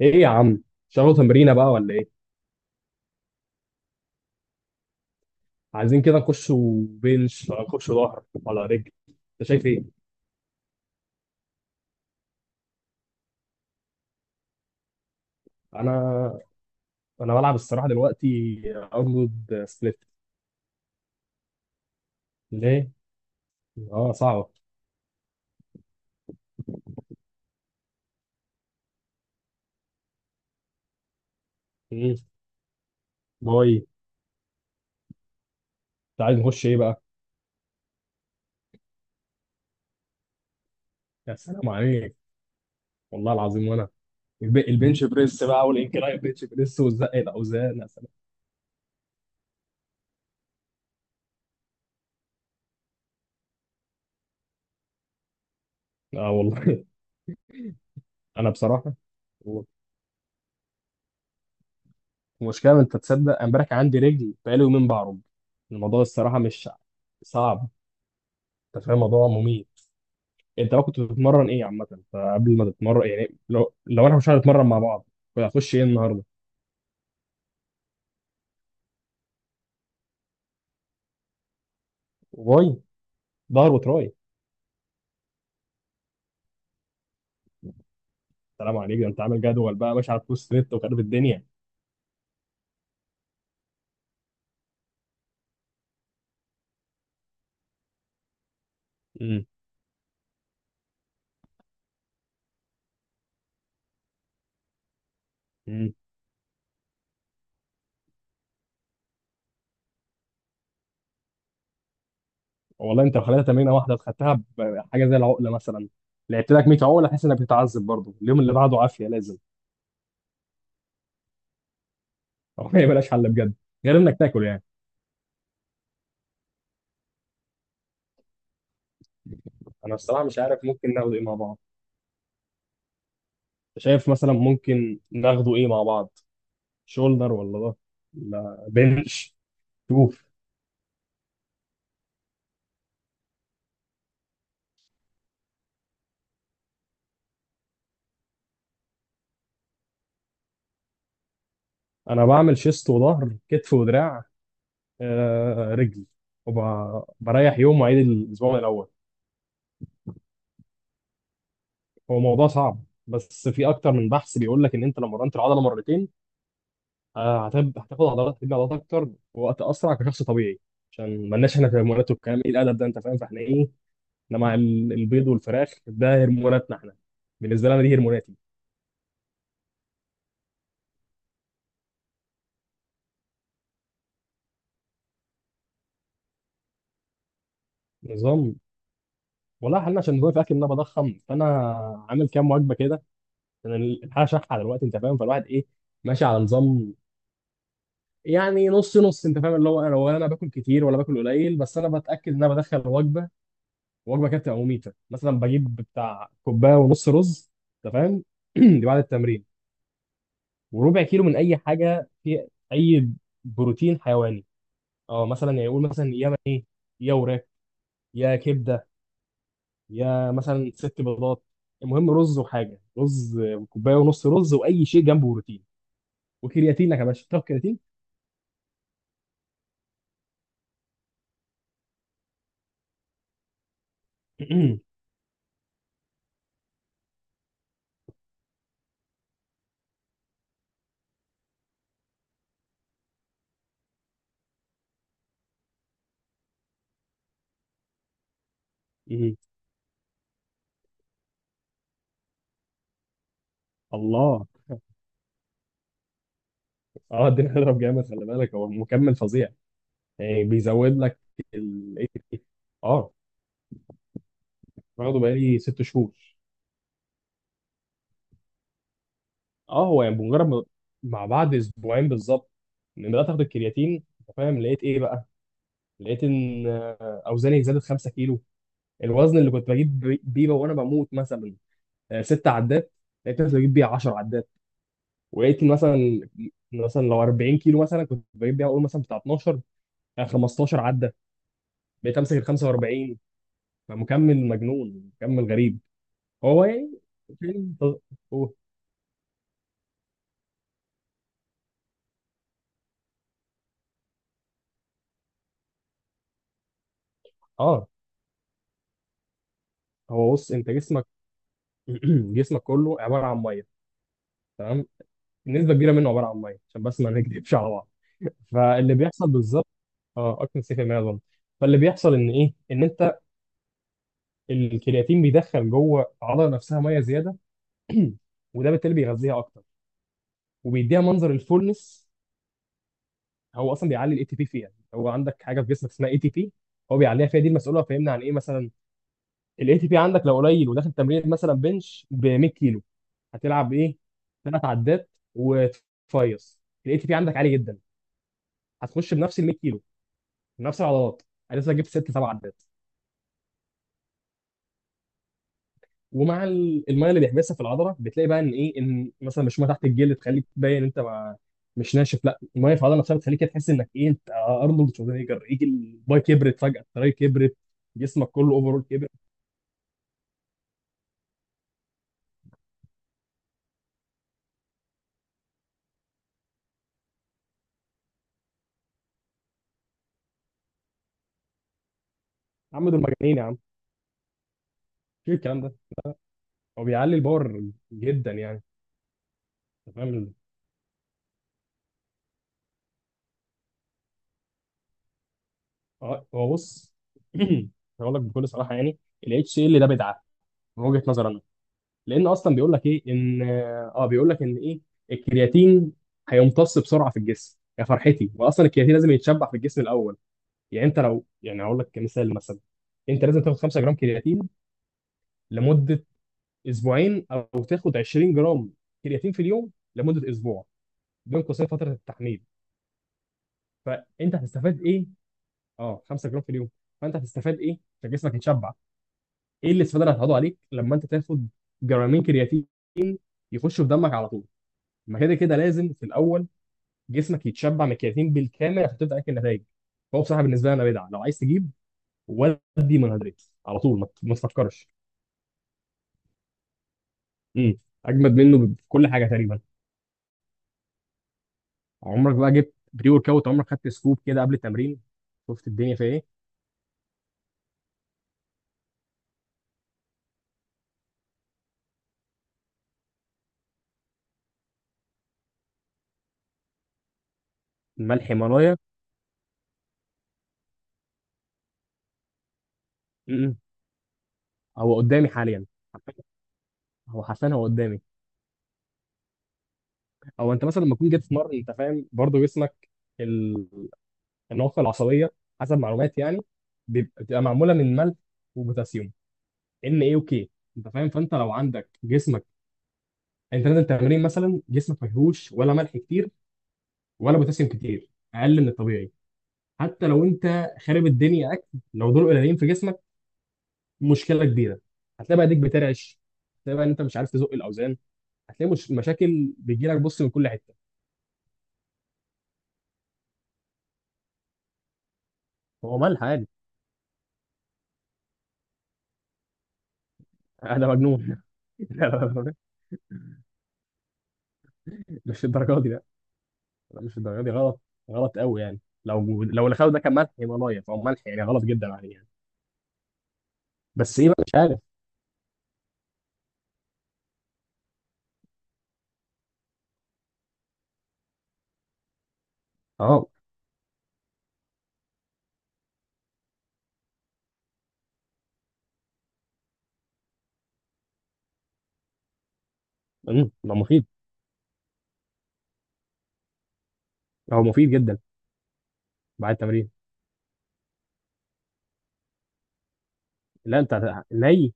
ايه يا عم؟ شغلوا تمرينه بقى ولا ايه؟ عايزين كده نخش بنش ولا نخش ظهر ولا رجل؟ انت شايف ايه؟ انا انا بلعب الصراحه دلوقتي ارنولد سبليت. ليه؟ اه صعبه. مم. باي. انت عايز نخش ايه بقى؟ يا سلام عليك، والله العظيم. وانا البنش بريس بقى والانكلاين بنش بريس وزق الاوزان، يا سلام. اه والله. انا بصراحه، المشكله، انت تصدق؟ امبارح كان عندي رجل، بقالي يومين بعرج. الموضوع الصراحه مش صعب، انت فاهم؟ الموضوع مميت. انت بقى كنت بتتمرن ايه عامه؟ فقبل ما تتمرن يعني، لو انا مش هنتمرن مع بعض، كنت هتخش ايه النهارده؟ باي، ظهر وتراي؟ سلام عليك، ده انت عامل جدول بقى ماشي على البوست نت وخارب الدنيا. امم امم والله، انت لو خليتها تمرينه واحده خدتها بحاجه زي العقله مثلا، لعبت لك 100 عقله تحس انك بتتعذب برضه، اليوم اللي بعده عافيه لازم. هو ما بلاش حل بجد، غير انك تاكل يعني. انا الصراحه مش عارف ممكن ناخده ايه مع بعض. شايف مثلا ممكن ناخده ايه مع بعض، شولدر ولا ده؟ لا، بنش. انا بعمل شيست وظهر كتف ودراع، رجل، وبريح يوم واعيد الاسبوع من الاول. هو موضوع صعب، بس في اكتر من بحث بيقول لك ان انت لو مرنت العضله مرتين، هتاخد عضلات، هتبني عضلات اكتر وقت اسرع كشخص طبيعي. عشان مالناش احنا في هرمونات والكلام ايه الادب ده، انت فاهم؟ فاحنا ايه؟ ده مع البيض والفراخ ده هرموناتنا احنا. بالنسبه لي انا دي هرموناتي. نظام؟ والله حالنا، عشان نظام في الاكل ان انا بضخم، فانا عامل كام وجبه كده، عشان الحاجه شحه دلوقتي، انت فاهم؟ فالواحد ايه، ماشي على نظام. يعني نص نص، انت فاهم اللي هو، انا ولا انا باكل كتير ولا باكل قليل، بس انا بتاكد ان انا بدخل وجبه. وجبه كانت تبقى مميته مثلا، بجيب بتاع كوبايه ونص رز، انت فاهم؟ دي بعد التمرين، وربع كيلو من اي حاجه، في اي بروتين حيواني. اه مثلا يعني يقول مثلا يا ايه، يا وراك، يا كبده، يا مثلا ست بيضات. المهم رز، وحاجه رز كوبايه ونص رز واي شيء جنبه بروتين. وكرياتينك يا باشا، تاخد كرياتين. الله. اه الدنيا هتضرب جامد، خلي بالك هو مكمل فظيع، يعني بيزود لك ال اه واخده بقالي ست شهور. اه هو يعني بمجرد مع بعد اسبوعين بالظبط، لما بدات اخد الكرياتين انت فاهم، لقيت ايه بقى؟ لقيت ان اوزاني زادت 5 كيلو، الوزن اللي كنت بجيب بيه وانا بموت مثلا ست عدات، لقيت نفسي بجيب بيها 10 عدات. ولقيت إن مثلا لو 40 كيلو مثلا كنت بجيب بيها اقول مثلا بتاع 12، 15 عده. بقيت امسك ال 45. فمكمل مجنون، مكمل غريب. هو يعني فيلم ت- هو- اه هو بص، انت جسمك. جسمك كله عباره عن ميه، تمام؟ نسبه كبيره منه عباره عن ميه، عشان بس ما نكذبش على بعض. فاللي بيحصل بالظبط، اه اكتر من 90% اظن. فاللي بيحصل ان ايه، ان انت الكرياتين بيدخل جوه العضله نفسها ميه زياده. وده بالتالي بيغذيها اكتر، وبيديها منظر الفولنس. هو اصلا بيعلي الاي تي بي فيها، هو عندك حاجه في جسمك اسمها اي تي بي، هو بيعليها فيها، دي المسؤوله، فهمنا عن ايه مثلا. الاي تي بي عندك لو قليل وداخل تمرين مثلا بنش ب 100 كيلو، هتلعب ايه؟ ثلاث عدات وتفيص. الاي تي بي عندك عالي جدا، هتخش بنفس ال 100 كيلو بنفس العضلات، لسه جبت ست سبع عدات. ومع الميه اللي بيحبسها في العضله، بتلاقي بقى ان ايه، ان مثلا مش ميه تحت الجلد تخليك تبين انت ما، مش ناشف. لا، الميه في العضله نفسها بتخليك كده تحس انك ايه، انت ارنولد شوزنيجر، يجي الباي كبرت فجاه، التراي كبرت. جسمك كله اوفرول كبر. يا عم دول مجانين، يا عم في الكلام ده، هو بيعلي الباور جدا يعني، انت فاهم. اه هو بص. هقول لك بكل صراحه يعني، الاتش سي ال ده بدعه من وجهه نظري انا. لان اصلا بيقول لك ان ايه، الكرياتين هيمتص بسرعه في الجسم يا فرحتي، واصلا الكرياتين لازم يتشبع في الجسم الاول. يعني انت لو يعني، هقول لك مثال مثلا، انت لازم تاخد 5 جرام كرياتين لمده اسبوعين، او تاخد 20 جرام كرياتين في اليوم لمده اسبوع، بين قوسين فتره التحميل. فانت هتستفاد ايه؟ اه 5 جرام في اليوم، فانت هتستفاد ايه عشان جسمك يتشبع؟ ايه الاستفاده اللي هتقعدوا عليك لما انت تاخد جرامين كرياتين يخشوا في دمك على طول؟ ما كده كده لازم في الاول جسمك يتشبع من الكرياتين بالكامل عشان تبدا تاكل نتائج. فهو بصراحه بالنسبه لي انا بدعه. لو عايز تجيب ودي منهدرات على طول، ما تفكرش. امم اجمد منه في كل حاجه تقريبا. عمرك بقى جبت بري ورك اوت؟ عمرك خدت سكوب كده قبل التمرين؟ شفت الدنيا فيها ايه؟ ملح هيمالايا. امم هو قدامي حاليا، هو حرفيا هو قدامي. او انت مثلا لما تكون جيت في مره، انت فاهم برضه جسمك، النواقص العصبيه، حسب معلوماتي يعني، بتبقى معموله من ملح وبوتاسيوم، ان ايه وكي، انت فاهم؟ فانت لو عندك جسمك، انت نازل تمرين مثلا، جسمك ما فيهوش ولا ملح كتير ولا بوتاسيوم كتير، اقل من الطبيعي، حتى لو انت خارب الدنيا اكل. لو دول قليلين في جسمك، مشكله كبيره. هتلاقي بقى ايديك بترعش، هتلاقي بقى ان انت مش عارف تزق الاوزان، هتلاقي مش مشاكل بتجيلك بص من كل حته. هو ملح عادي، انا مجنون. لا، لا، لا، مش الدرجات دي. لا، مش الدرجه دي، غلط، غلط قوي يعني. لو اللي خده ده كان ملح يبقى لايف او ملح، يعني غلط جدا عليه يعني. بس ايه بقى، مش عارف. اه. هو مفيد، هو مفيد جدا، بعد التمرين. لا انت ني.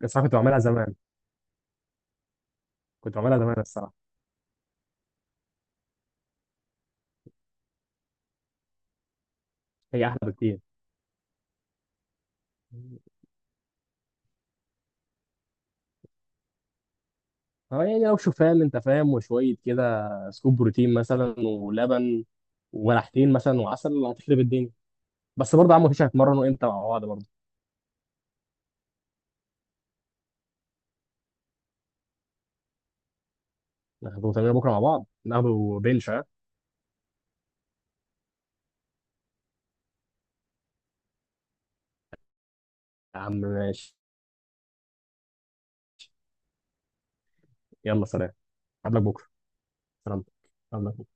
بس انا كنت بعملها زمان كنت بعملها زمان الصراحه. هي احلى بكتير. اه يعني، لو شوفان انت فاهم، وشويه كده سكوب بروتين مثلا ولبن وملحتين مثلا وعسل، هتخرب الدنيا. بس برضه يا عم، مفيش هنتمرن وامتى مع بعض برضه؟ ناخده تمرين بكره مع بعض، ناخده بنش ها؟ يا عم ماشي، يلا سلام، قبلك بكره. ربك، ربك.